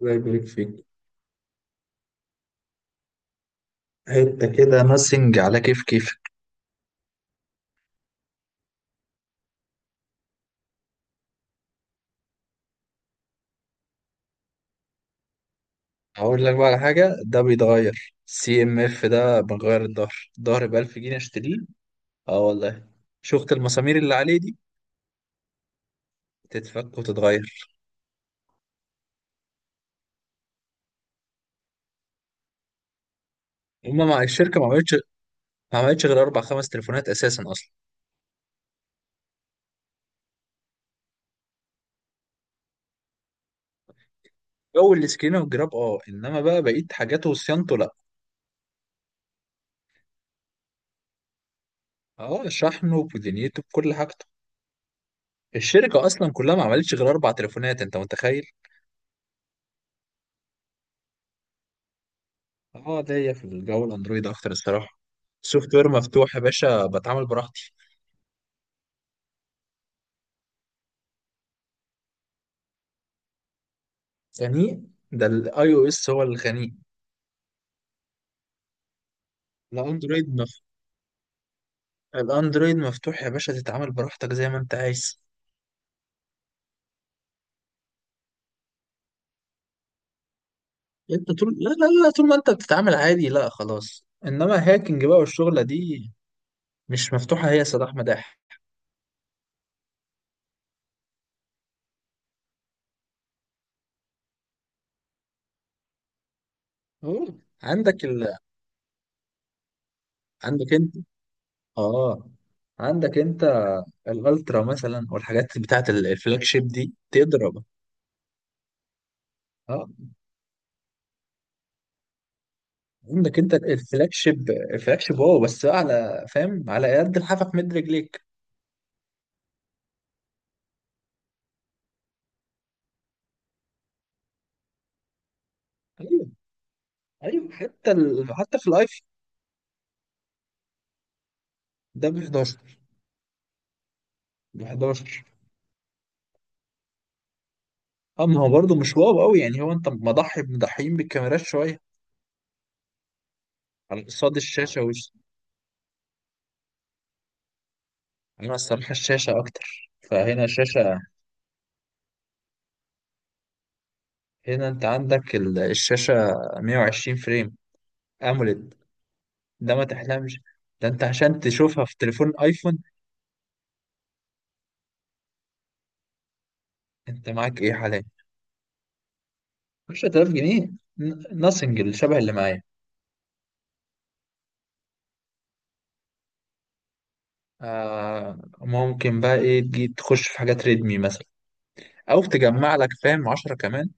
الله يبارك فيك. حته كده ناسنج، على كيف كيف. هقول لك بقى على حاجه، ده بيتغير سي ام اف. ده بغير الظهر ب 1000 جنيه اشتريه. اه والله. شفت المسامير اللي عليه دي؟ تتفك وتتغير. هما مع الشركه ما عملتش غير اربع خمس تليفونات اساسا اصلا. جو السكرين والجراب اه، انما بقى بقيت حاجاته وصيانته لا. اه شحنه بدنيته بكل حاجته. الشركه اصلا كلها ما عملتش غير اربع تليفونات، انت متخيل؟ اه ليا في الجو الاندرويد اكتر الصراحه. السوفت وير مفتوح يا باشا، بتعامل براحتي. يعني ده الاي او اس هو الغني؟ الاندرويد مف... الاندرويد مفتوح يا باشا، تتعامل براحتك زي ما انت عايز. انت طول، لا لا لا، طول ما انت بتتعامل عادي لا خلاص، انما هاكينج بقى والشغله دي مش مفتوحه هي يا صلاح مداح. أوه. عندك انت اه عندك انت الالترا مثلا والحاجات بتاعت الفلاج شيب دي تضرب. اه عندك انت الفلاج شيب، الفلاج شيب واو، بس بقى على فاهم، على قد الحافك مد رجليك. ايوه ايوه. حتى في الايفون. ده ب 11. ب 11. اما هو برضه مش واو قوي يعني. هو انت مضحي مضحيين بالكاميرات شويه على قصاد الشاشه وش. انا الصراحه الشاشه اكتر، فهنا الشاشه. هنا انت الشاشه 120 فريم اموليد، ده ما تحلمش. ده انت عشان تشوفها في تليفون ايفون. انت معاك ايه حاليا؟ 10000 جنيه. ناثينج الشبه اللي معايا. آه ممكن بقى ايه، تجي تخش في حاجات ريدمي مثلا، او تجمع لك فاهم عشرة كمان.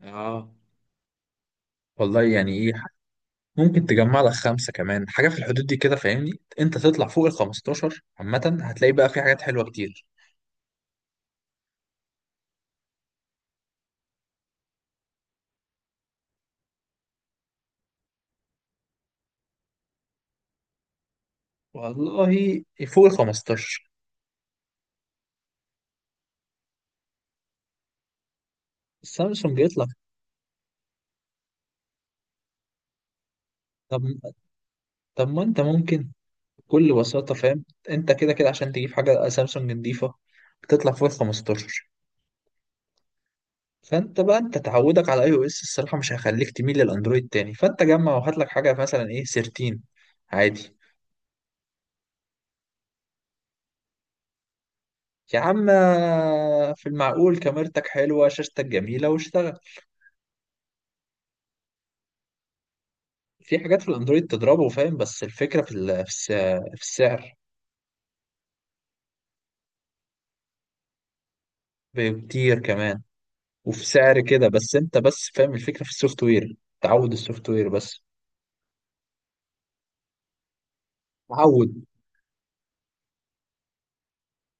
اه والله يعني ايه، ممكن تجمع لك خمسة كمان حاجة في الحدود دي كده فاهمني. انت تطلع فوق ال 15 عامة هتلاقي بقى في حاجات حلوة كتير. والله فوق ال 15 سامسونج يطلع. طب طب ما انت ممكن بكل بساطة، فاهم، انت كده كده عشان تجيب حاجة سامسونج نضيفة بتطلع فوق ال 15. فانت بقى انت تعودك على اي او اس الصراحه مش هيخليك تميل للاندرويد تاني، فانت جمع وهات لك حاجه مثلا ايه سيرتين عادي. يا عم في المعقول، كاميرتك حلوه، شاشتك جميله واشتغل. في حاجات في الاندرويد تضربه فاهم، بس الفكره في السعر بكتير كمان. وفي سعر كده، بس انت بس فاهم الفكره في السوفت وير. تعود السوفت وير بس. تعود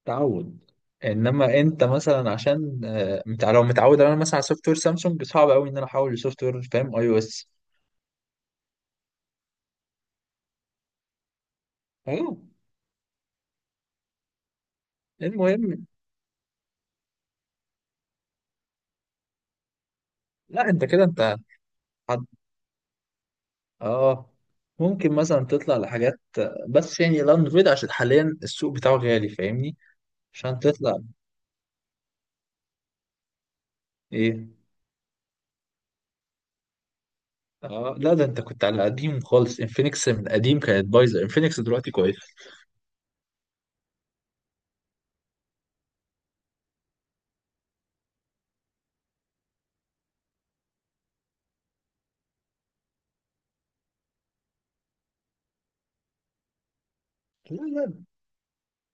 تعود انما انت مثلا عشان لو متعود انا مثلا على سوفت وير سامسونج، صعب قوي ان انا احول لسوفت وير فاهم اي او اس. اه المهم. لا انت كده انت حد، اه، ممكن مثلا تطلع لحاجات، بس يعني لاند رويد عشان حاليا السوق بتاعه غالي فاهمني. عشان تطلع ايه. اه لا ده انت كنت على قديم خالص، انفينكس من قديم كانت بايظه، انفينكس دلوقتي كويس. لا لا،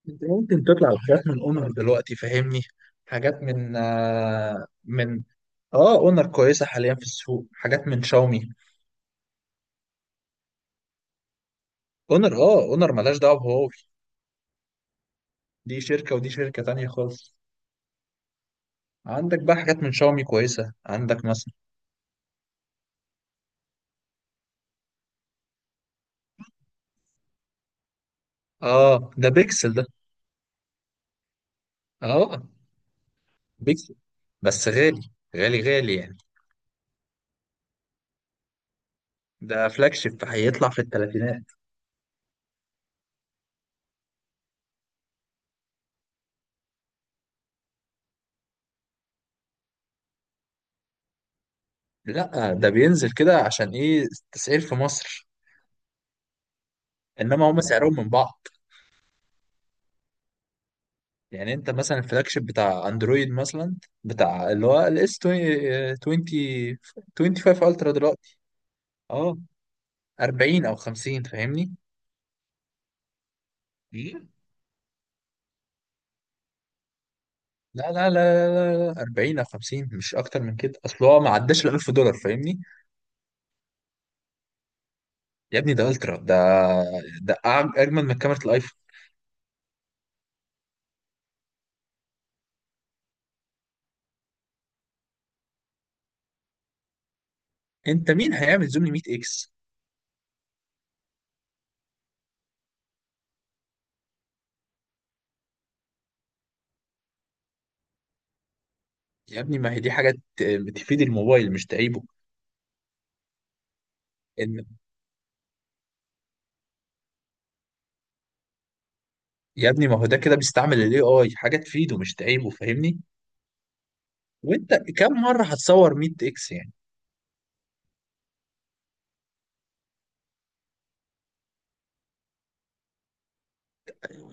انت ممكن تطلع لحاجات من اونر دلوقتي فاهمني. حاجات من من، اه، اونر كويسه حاليا في السوق، حاجات من شاومي. اونر ملهاش دعوه بهواوي، دي شركه ودي شركه تانيه خالص. عندك بقى حاجات من شاومي كويسة، عندك مثلا. اه ده بيكسل ده. اه بيكسل. بس غالي، غالي غالي يعني. ده فلاج شيب، هيطلع في الثلاثينات. لا ده بينزل كده عشان ايه؟ التسعير في مصر. انما هم سعرهم من بعض يعني. انت مثلا الفلاج شيب بتاع اندرويد مثلا، بتاع اللي هو الاس 20، 25 الترا دلوقتي، اه 40 او 50 فاهمني. إيه؟ لا لا لا لا لا، 40 او 50 مش اكتر من كده، اصل هو ما عداش ال 1000 دولار فاهمني. يا ابني ده الترا ده. ده اجمل من كاميرا الايفون. انت مين هيعمل زوم ل 100 اكس؟ يا ابني ما هي دي حاجه ت- تفيد الموبايل مش تعيبه. ان يا ابني ما هو ده كده بيستعمل الاي اي، حاجه تفيده مش تعيبه فاهمني. وانت كم مره هتصور 100 اكس يعني؟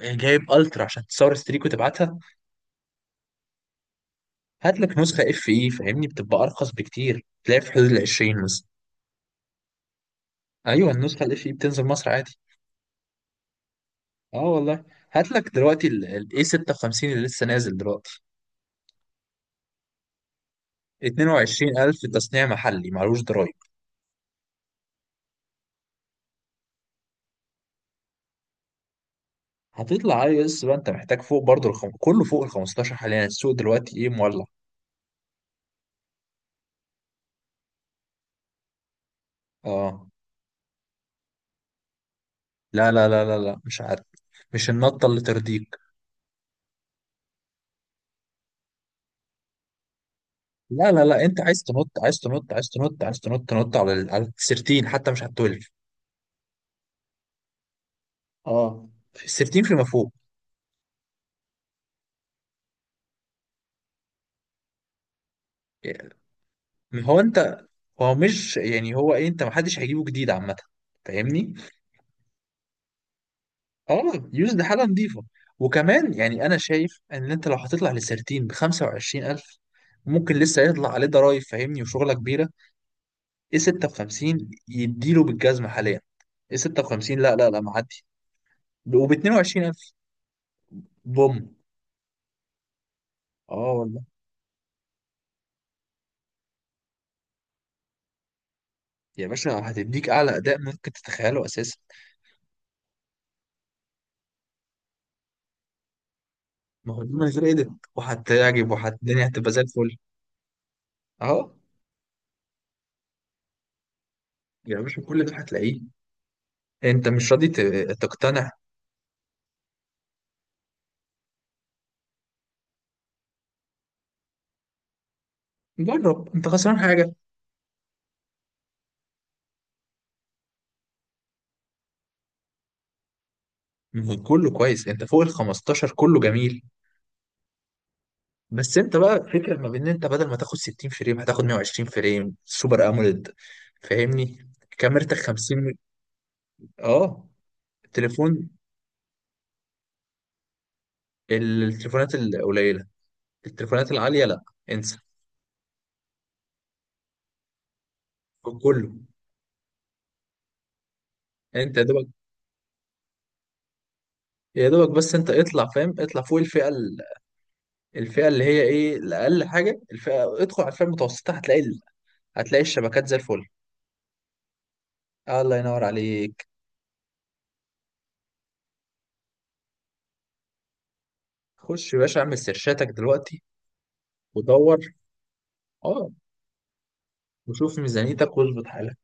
جايب الترا عشان تصور ستريك وتبعتها؟ هات لك نسخه اف اي فاهمني، بتبقى ارخص بكتير، تلاقي في حدود ال 20 مثلا. ايوه النسخه الاف اي بتنزل مصر عادي. اه والله. هات لك دلوقتي الاي 56 اللي لسه نازل دلوقتي 22000، تصنيع محلي معلوش ضرايب. هتطلع اي اس بقى، انت محتاج فوق برضه كله فوق ال 15 حاليا، السوق دلوقتي ايه مولع. اه لا لا لا لا لا، مش عارف، مش النطه اللي ترضيك. لا لا لا، انت عايز تنط، عايز تنط، عايز تنط، عايز تنط، تنط على على السرتين حتى، مش على التولف. اه السرتين فيما فوق يعني. هو انت هو مش يعني، هو ايه، انت محدش هيجيبه جديد عامه فاهمني. اه يوز ده حاجه نظيفه. وكمان يعني انا شايف ان انت لو هتطلع لسيرتين ب 25000، ممكن لسه يطلع عليه ضرايب فاهمني وشغله كبيره. ايه 6 ب 50 يديله بالجزمه حاليا. ايه 6 ب 50 لا لا لا معدي، وب 22000 بوم. اه والله يا باشا، هتديك اعلى اداء ممكن تتخيله اساسا. ما هو دي من غير ايديت، وهتعجب الدنيا هتبقى زي الفل. اهو. يا باشا كل ده هتلاقيه، انت مش راضي تقتنع. جرب، انت خسران حاجه؟ كله كويس، انت فوق ال 15 كله جميل. بس انت بقى فكرة ما بين ان انت بدل ما تاخد 60 فريم هتاخد 120 فريم سوبر اموليد فاهمني. كاميرتك 50. اه التليفون، التليفونات القليلة، التليفونات العالية لا، انسى. كله. انت يا دوبك، يا دوبك بس انت اطلع فاهم، اطلع فوق الفئة اللي هي ايه الاقل حاجة، الفئة، ادخل على الفئة المتوسطة هتلاقي هتلاقي الشبكات زي الفل. الله ينور عليك. خش يا باشا اعمل سيرشاتك دلوقتي ودور، اه، وشوف ميزانيتك واظبط حالك.